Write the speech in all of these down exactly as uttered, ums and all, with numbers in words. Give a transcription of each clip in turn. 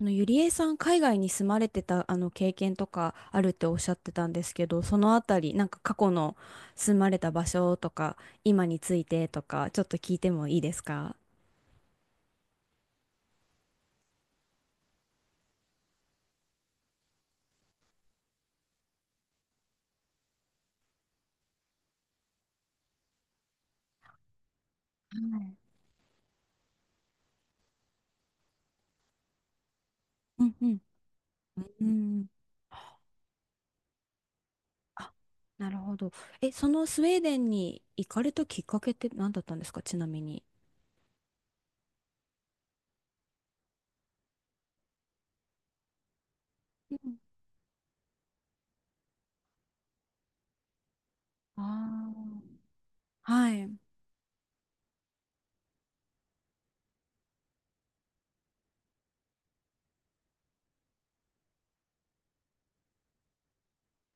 あのゆりえさん、海外に住まれてたあの経験とかあるっておっしゃってたんですけど、そのあたり、なんか過去の住まれた場所とか、今についてとか、ちょっと聞いてもいいですか？はい。うんうん。うん。あ、なるほど。え、そのスウェーデンに行かれたきっかけって何だったんですか、ちなみに。うん。あー、はい。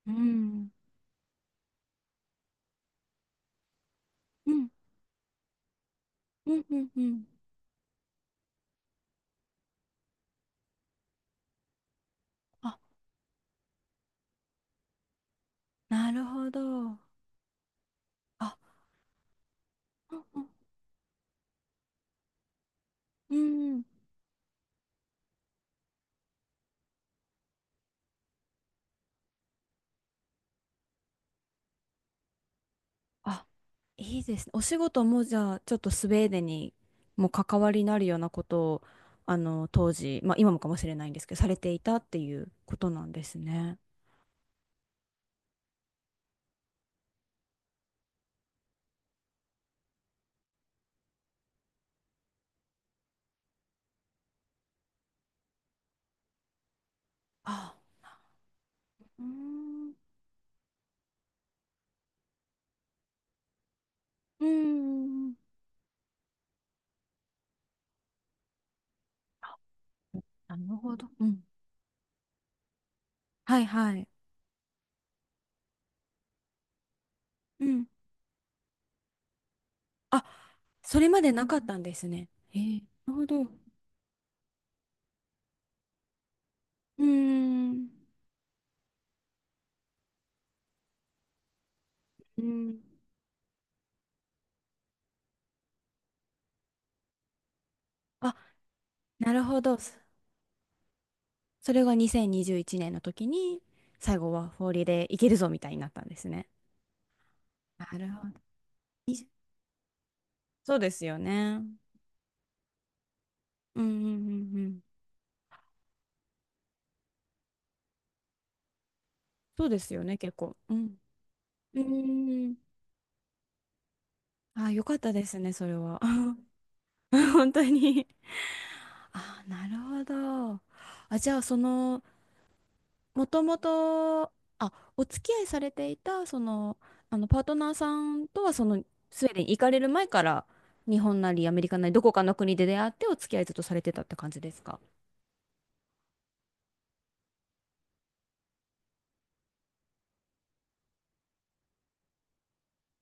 うん。うん。うんうんうん。あ、なるほど。あ、うんうん。あ、いいですね。お仕事もじゃあ、ちょっとスウェーデンにも関わりになるようなことを、あの、当時、まあ今もかもしれないんですけど、されていたっていうことなんですね。あ、うーん、うーん。なるほど。うん。はいはい。うん。あ、それまでなかったんですね。えー、なるほど。うーん。うん。あ、なるほど。そそれがにせんにじゅういちねんの時に、最後はフォーリーでいけるぞみたいになったんですね。なるほど。そうですよね。うんうんうんうん。そうですよね、結構。うん。うーん。あ、よかったですね、それは。本当に。あ、なるほど。あ、じゃあ、その、もともと、あ、お付き合いされていた、その、あの、パートナーさんとは、その、スウェーデンに行かれる前から、日本なりアメリカなり、どこかの国で出会って、お付き合いずっとされてたって感じですか？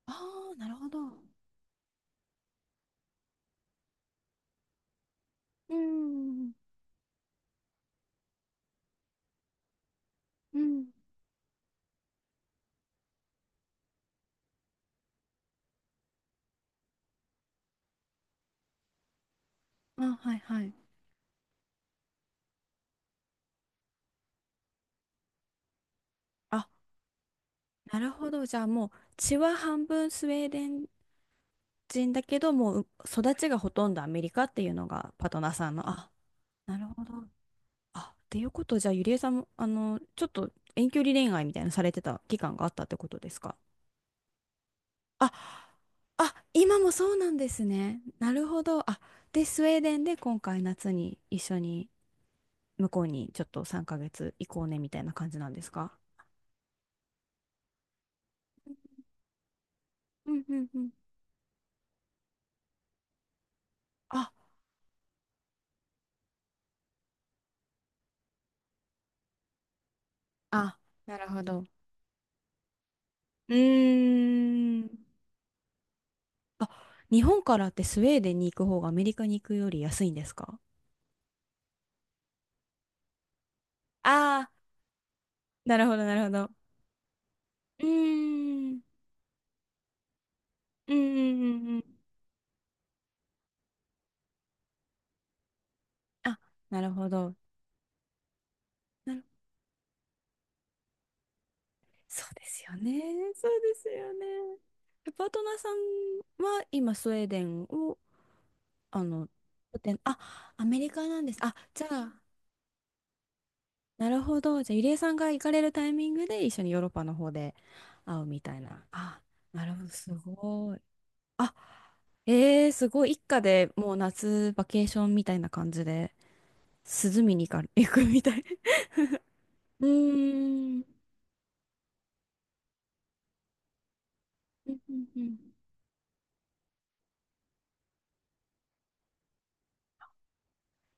ああー、なるほど。うん。うん。あ、はいはい。あ、なるほど。じゃあもう血は半分スウェーデン人だけど、もう育ちがほとんどアメリカっていうのがパートナーさんの。あ、なるほど。あ、っていうことじゃあゆりえさんも、あの、ちょっと遠距離恋愛みたいなのされてた期間があったってことですか？あ、あ、今もそうなんですね。なるほど。あ、で、スウェーデンで今回夏に一緒に向こうにちょっとさんかげつ行こうねみたいな感じなんですか？うんうんうん。あ、あ、なるほど。うーん。あ、日本からってスウェーデンに行く方がアメリカに行くより安いんですか？ああー、なるほど、なるほど。うーん、うん、うん、うん。うん。あ、なるほど。なる。そうですよね。そうですよね。え、パートナーさんは今スウェーデンを、あの、拠点、あ、アメリカなんです、あ、じゃあなるほど、じゃあゆりえさんが行かれるタイミングで一緒にヨーロッパの方で会うみたいな、あ、なるほど、すごい。あ、えー、すごい。一家でもう夏バケーションみたいな感じで、涼みに行か、行くみたい。うーん。うんうんうん。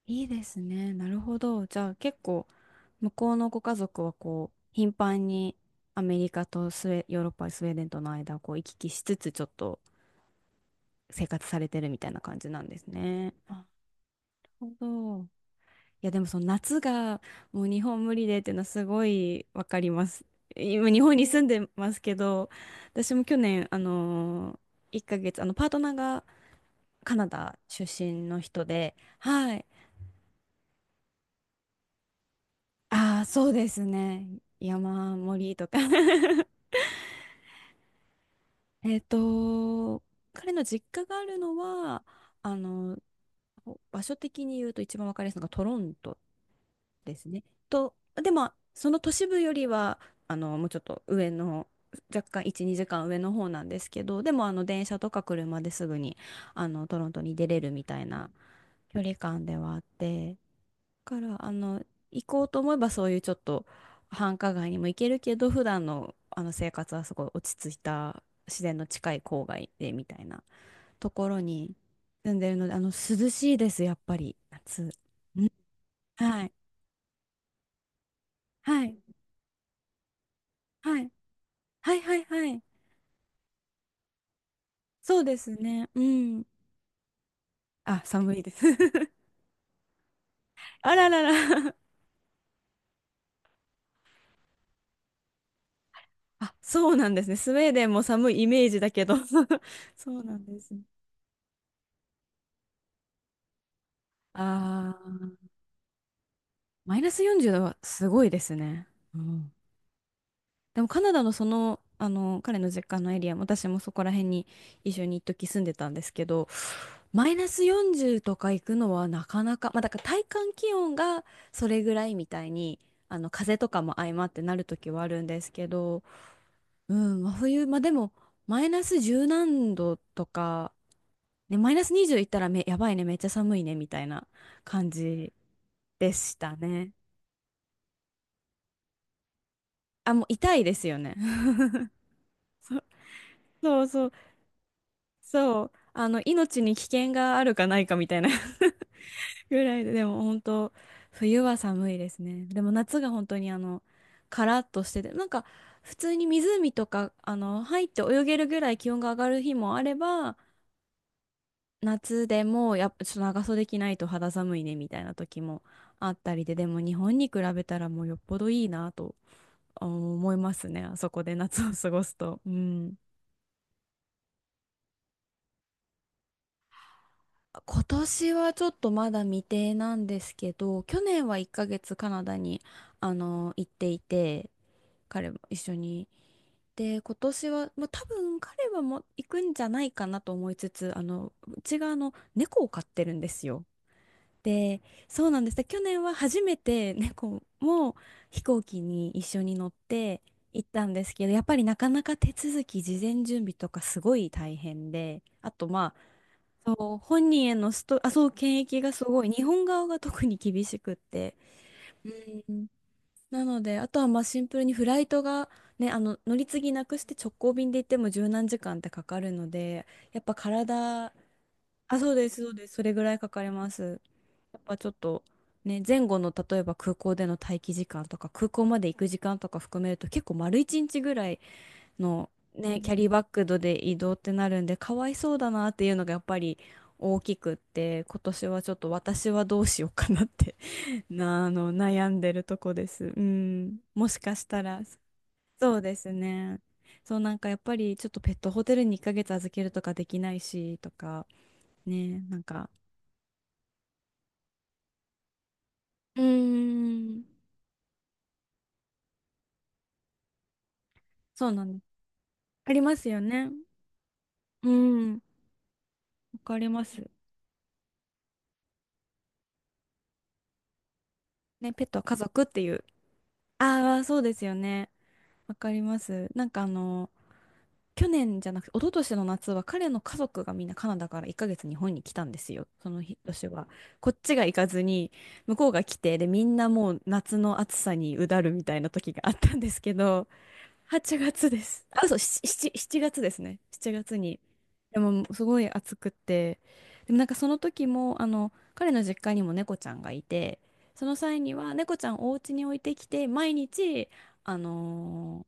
いいですね。なるほど。じゃあ結構、向こうのご家族はこう、頻繁にアメリカとスウェ、ヨーロッパ、スウェーデンとの間をこう行き来しつつ、ちょっと生活されてるみたいな感じなんですね。あ、なるほど。いやでもその夏がもう日本無理でっていうのはすごいわかります。今日本に住んでますけど、私も去年あのーいっかげつあのパートナーがカナダ出身の人で、はい。ああ、そうですね。山盛りとか。 えっと、彼の実家があるのは、あの、場所的に言うと一番わかりやすいのがトロントですね。と、でも、その都市部よりは、あの、もうちょっと上の、若干いち、にじかん上の方なんですけど、でも、あの、電車とか車ですぐに、あの、トロントに出れるみたいな距離感ではあって、だから、あの、行こうと思えばそういうちょっと繁華街にも行けるけど、普段の、あの生活はすごい落ち着いた自然の近い郊外でみたいなところに住んでるので、あの、涼しいです、やっぱり、夏。うん。はい。はい。はい。はいはいはい。そうですね。うん。あ、寒いです。あららら。あ、そうなんですね。スウェーデンも寒いイメージだけど。 そうなんですね。ああ、マイナスよんじゅうどはすごいですね。うん。でもカナダのその、あの、彼の実家のエリア、私もそこら辺に一緒に一時住んでたんですけど、マイナスよんじゅうとか行くのはなかなか、まあだから体感気温がそれぐらいみたいに、あの風とかも相まってなる時はあるんですけど、うん、真冬、まあでも、マイナス十何度とか、ね、マイナスにじゅういったらめ、やばいね、めっちゃ寒いね、みたいな感じでしたね。あ、もう痛いですよね。そうそう、そう。あの、命に危険があるかないかみたいな。 ぐらいで、でも本当、冬は寒いですね。でも夏が本当にあの、カラッとしてて、なんか、普通に湖とか、あの、入って泳げるぐらい気温が上がる日もあれば、夏でもやっぱちょっと長袖着ないと肌寒いねみたいな時もあったりで、でも日本に比べたらもうよっぽどいいなとあ思いますね、あそこで夏を過ごすと。うん。今年はちょっとまだ未定なんですけど、去年はいっかげつカナダにあの行っていて、彼も一緒に。で、今年は、まあ、多分彼はもう行くんじゃないかなと思いつつ、あの、うちがあの猫を飼ってるんですよ。で、そうなんです。で去年は初めて猫も飛行機に一緒に乗って行ったんですけど、やっぱりなかなか手続き、事前準備とかすごい大変で、あとまあ、そう本人へのスト、あ、そう、検疫がすごい、日本側が特に厳しくって。うん。なので、あとはまあシンプルにフライトが、ね、あの乗り継ぎなくして直行便で行っても十何時間ってかかるので、やっぱ体、あ、そうです、そうです、それぐらいかかります。やっぱちょっとね、前後の例えば空港での待機時間とか空港まで行く時間とか含めると結構丸一日ぐらいのね、キャリーバッグで移動ってなるんでかわいそうだなっていうのがやっぱり大きくって今年はちょっと私はどうしようかなって。 なあの悩んでるとこです。うん、もしかしたらそうですね。そう、なんかやっぱりちょっとペットホテルにいっかげつ預けるとかできないしとかね、なんかうーん。そうなんです。ありますよね。うん、わかります。ね、ペットは家族っていう。ああ、そうですよね。わかります。なんかあの、去年じゃなくて、一昨年の夏は彼の家族がみんなカナダからいっかげつ日本に来たんですよ。その日年は。こっちが行かずに、向こうが来て、で、みんなもう夏の暑さにうだるみたいな時があったんですけど、はちがつです。あ、そう、しち、しちがつですね。しちがつに。でも、すごい暑くて。でもなんかその時も、あの、彼の実家にも猫ちゃんがいて、その際には猫ちゃんをお家に置いてきて、毎日、あの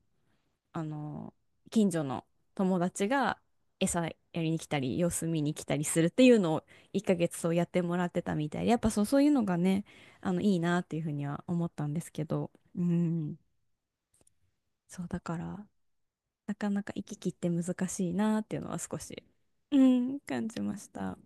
ーあのー近所の友達が餌やりに来たり、様子見に来たりするっていうのをいっかげつそうやってもらってたみたいで、やっぱそう、そういうのがね、あの、いいなっていうふうには思ったんですけど、うん。そうだからなかなか行き来って難しいなっていうのは少し、うん、感じました。